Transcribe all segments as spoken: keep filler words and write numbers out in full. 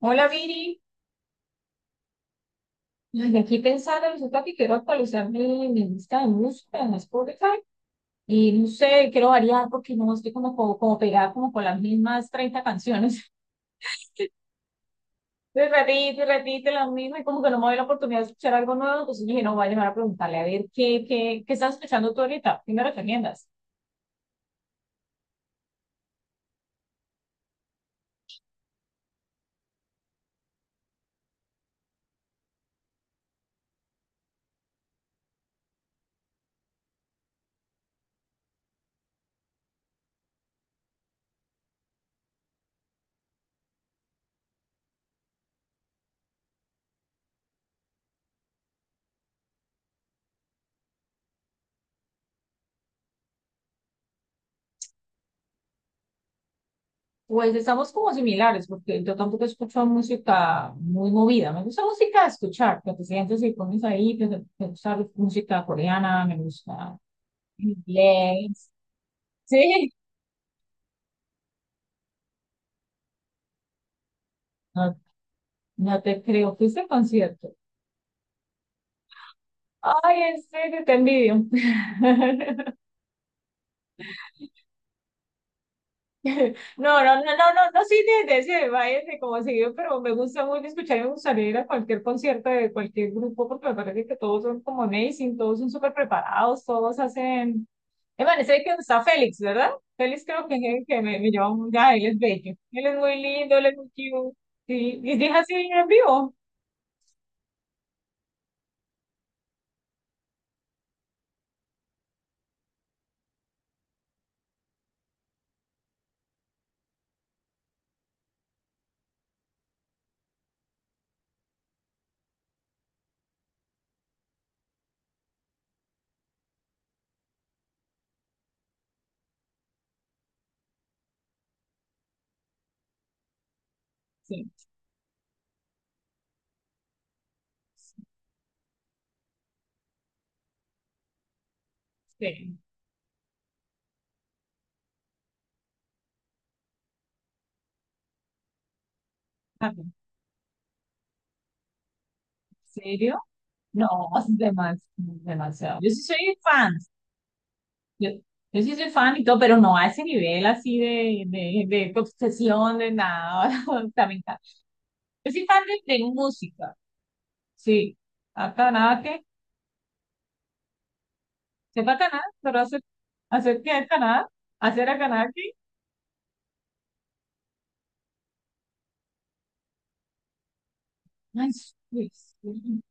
Hola Viri. Ay, aquí pensando, resulta que quiero actualizar mi, mi lista de música en Spotify y no sé, quiero variar porque no estoy como, como, como pegada como con las mismas treinta canciones. Y repite, y repite las mismas y como que no me doy la oportunidad de escuchar algo nuevo, entonces dije, no, voy a llamar a preguntarle a ver qué, qué, qué estás escuchando tú ahorita, ¿qué me recomiendas? Pues estamos como similares porque yo tampoco escucho música muy movida, me gusta música de escuchar, que te sientes y pones ahí, que te me gusta música coreana, me gusta inglés. Sí, no, no te creo. ¿Fuiste a concierto? Ay, en serio, te envidio. No, no, no, no, no, no soy de, de ese baile de como seguido, pero me gusta muy escuchar y me gustaría ir a cualquier concierto de cualquier grupo porque me parece que todos son como amazing, todos son súper preparados, todos hacen... Me parece que está Félix, ¿verdad? Félix creo que es el que me, me lleva muy... Ah, él es bello. Él es muy lindo, él es muy cute. Sí, y es así en vivo. Sí, sí. ¿Serio? No, es demas- demasiado. Yo sí soy fan. Yo, yo sí soy fan y todo, pero no a ese nivel así de, de, de obsesión, de nada. O sea, me encanta. Yo soy fan de, de música. Sí. Acá nada que. Sepa Canadá, pero hacer, hacer que Canadá, hacer a Canadá que. Ay, sí, sí.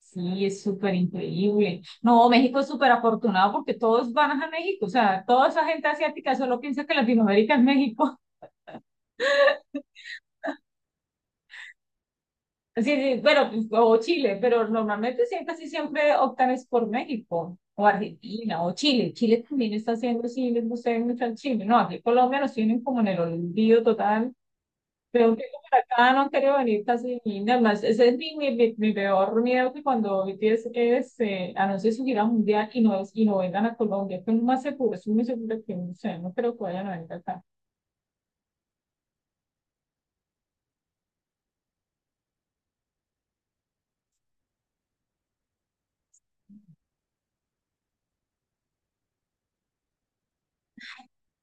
Sí, es súper increíble. No, México es súper afortunado porque todos van a México. O sea, toda esa gente asiática solo piensa que Latinoamérica es México. Sí, sí, bueno, pues, o Chile, pero normalmente siempre, casi siempre optan es por México, o Argentina, o Chile. Chile también está haciendo, sí, les gusta mucho al Chile. No, aquí en Colombia nos tienen como en el olvido total. Creo que para acá no han querido venir casi ni nada más. Ese es mi, mi, mi, mi peor miedo, que cuando B T S este, anuncie su gira mundial y no, y no vengan a Colombia, que es lo más seguro, es muy seguro que no sé, no creo que vayan a venir acá.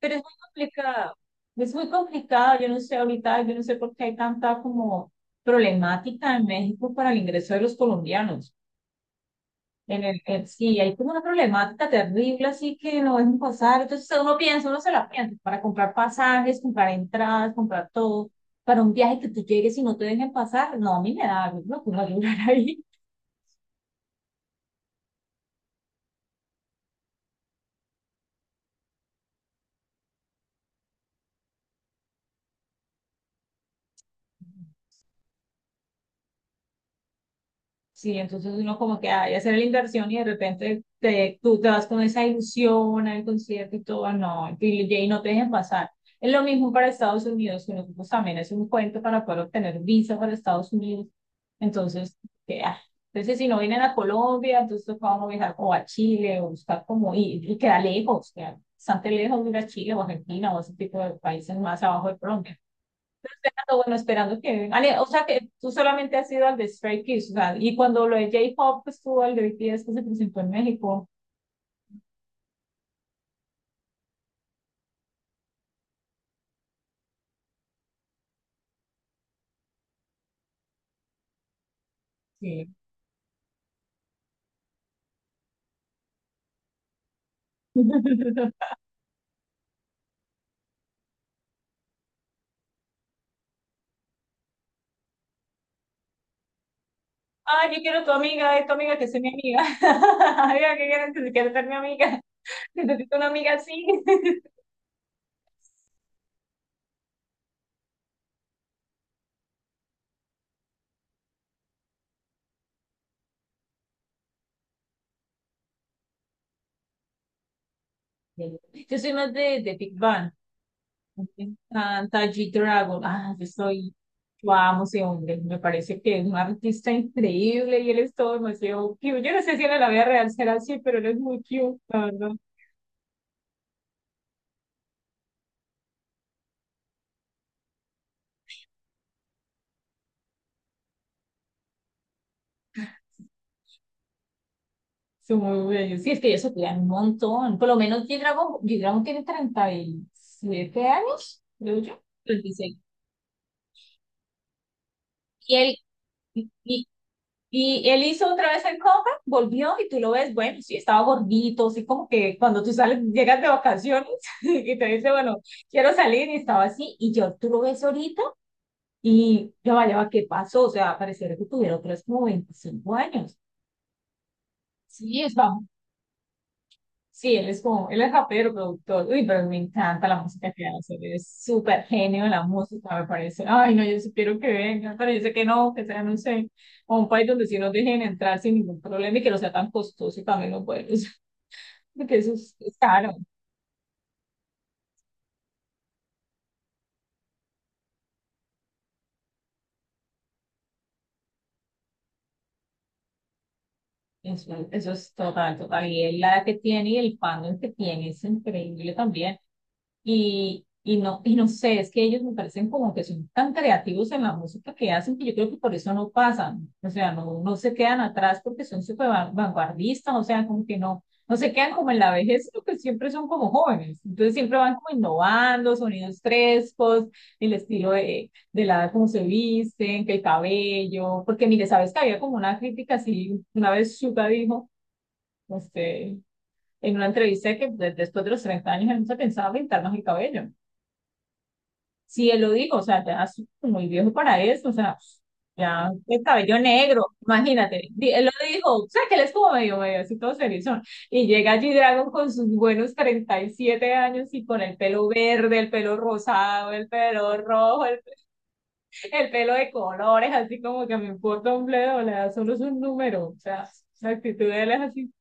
Pero es muy complicado, es muy complicado, yo no sé ahorita, yo no sé por qué hay tanta como problemática en México para el ingreso de los colombianos. En el, en- sí, hay como una problemática terrible, así que no dejan pasar. Entonces uno piensa, uno se la piensa, para comprar pasajes, comprar entradas, comprar todo, para un viaje que tú llegues y no te dejen pasar, no, a mí me da algo, no puedo llorar ahí. Sí, entonces uno como que hay que hacer la inversión y de repente te, tú te vas con esa ilusión al concierto y todo, no, Billie, y no te dejen pasar. Es lo mismo para Estados Unidos, que nosotros también es un cuento para poder obtener visa para Estados Unidos. Entonces, que, ah, entonces si no vienen a Colombia, entonces vamos a viajar o a Chile o buscar como ir, y queda lejos, queda bastante lejos de ir a Chile o Argentina o ese tipo de países más abajo de Colombia, esperando, bueno, esperando que... Ale, o sea, que tú solamente has ido al de Stray Kids, o sea, y cuando lo de J-Pop estuvo al de B T S que se presentó en México. Sí. Ah, yo quiero tu amiga, eh, tu amiga, que sea mi amiga. Amiga, que quieres que quiero ser mi amiga. Necesito una amiga así. Yo soy más de, de Big Bang. Me encanta G-Dragon. Ah, yo soy. Yo amo ese hombre. Me parece que es un artista increíble y él es todo demasiado cute. Yo no sé si en la vida real será así, pero él es muy cute. Son muy bellos. Sí, es que ellos se cuidan un montón. Por lo menos G-Dragon, G-Dragon tiene treinta y siete años, creo yo. treinta y seis. Y él, y, y él hizo otra vez el comeback, volvió y tú lo ves, bueno, sí, estaba gordito, así como que cuando tú sales, llegas de vacaciones y te dice, bueno, quiero salir y estaba así. Y yo, tú lo ves ahorita y yo, vaya, ¿qué pasó? O sea, pareciera que tuviera otra vez como veinticinco años. Sí, es. Sí, él es como, él es rapero, productor. Uy, pero me encanta la música que hace. Él es súper genio de la música, me parece. Ay, no, yo sí quiero que venga, pero yo sé que no, que sea, no sé, a un país donde sí nos dejen entrar sin ningún problema y que no sea tan costoso y también lo pueden usar, porque eso es, es caro. Eso, eso es total, total. Y él, la edad que tiene y el fandom que tiene es increíble también. Y, y no, y no sé, es que ellos me parecen como que son tan creativos en la música que hacen, que yo creo que por eso no pasan, o sea, no, no se quedan atrás porque son súper van- vanguardistas, o sea, como que no, no se quedan como en la vejez, sino que siempre son como jóvenes, entonces siempre van como innovando, sonidos frescos, el estilo de, de la, cómo se visten, que el cabello, porque mire, sabes que había como una crítica así, una vez Suga dijo, este, en una entrevista que de- después de los treinta años él no se pensaba pintarnos el cabello. Si él lo dijo, o sea, ya es muy viejo para eso, o sea, ya el cabello negro, imagínate, di- él lo dijo, o sea, que él estuvo medio, medio así todo serizón, y llega G-Dragon con sus buenos treinta y siete años y con el pelo verde, el pelo rosado, el pelo rojo, el, el pelo de colores, así como que me importa un bledo, le da solo su número, o sea, la actitud de él es así.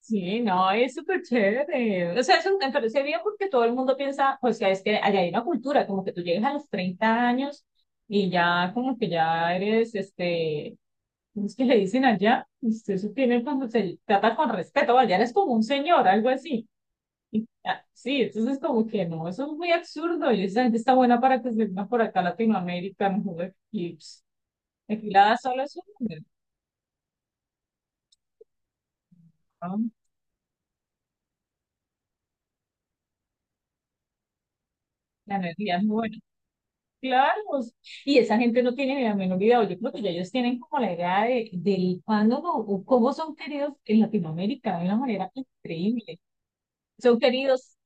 Sí, no, es súper chévere. O sea, eso me parece bien porque todo el mundo piensa, pues, que es que allá hay una cultura, como que tú llegas a los treinta años y ya como que ya eres, este, ¿cómo es que le dicen allá? Usted se tiene cuando se trata con respeto, vaya, eres como un señor, algo así. Y, ah, sí, entonces como que no, eso es muy absurdo y esa gente está buena para que se venga por acá a Latinoamérica, no joder, y, pss, aquí la da solo es una, ¿no? La energía es buena. Claro, o sea, y esa gente no tiene ni la menor idea, o yo creo que ya ellos tienen como la idea de, del fandom o o cómo son queridos en Latinoamérica de una manera increíble. Son queridos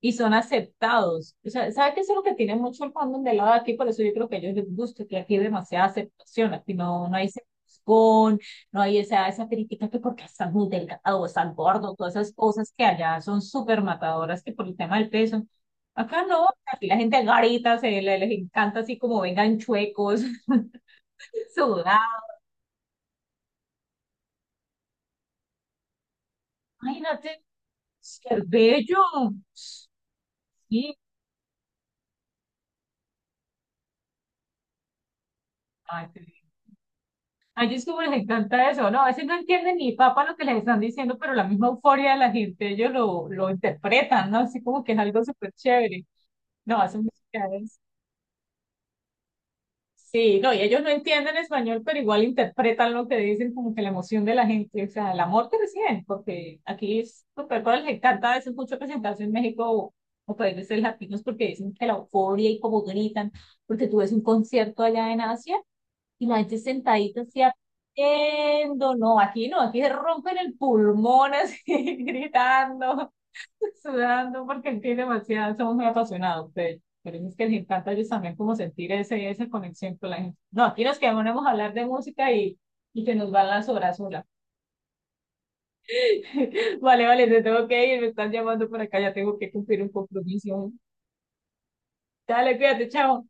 y son aceptados. O sea, ¿sabe qué es lo que tiene mucho el fandom del lado de aquí? Por eso yo creo que a ellos les gusta, que aquí hay demasiada aceptación, aquí no, no hay sesgón, no hay esa, esa crítica que porque estás muy delgado o estás gordo, todas esas cosas que allá son súper matadoras que por el tema del peso. Acá no, aquí la gente garita, se le- les encanta así como vengan chuecos, sudados. Imagínate, qué bello. Sí, a ellos como les encanta eso, ¿no? A veces no entienden ni papa lo que les están diciendo, pero la misma euforia de la gente, ellos lo, lo interpretan, ¿no? Así como que es algo súper chévere. No, hacen musicales. Sí, no, y ellos no entienden español, pero igual interpretan lo que dicen, como que la emoción de la gente, o sea, el amor que reciben, porque aquí es súper, pero les encanta a veces mucho presentarse en México o o países latinos porque dicen que la euforia y como gritan, porque tú ves un concierto allá en Asia y la gente sentadita así haciendo, no, aquí no, aquí se rompen el pulmón así, gritando, sudando, porque aquí demasiado, somos muy apasionados ustedes. Pero es que les encanta a ellos también como sentir ese, esa conexión con la gente. No, aquí nos quedamos a hablar de música y, y se nos van las horas sola. Vale, vale, te tengo que ir, me están llamando por acá, ya tengo que cumplir un compromiso. Dale, cuídate, chao.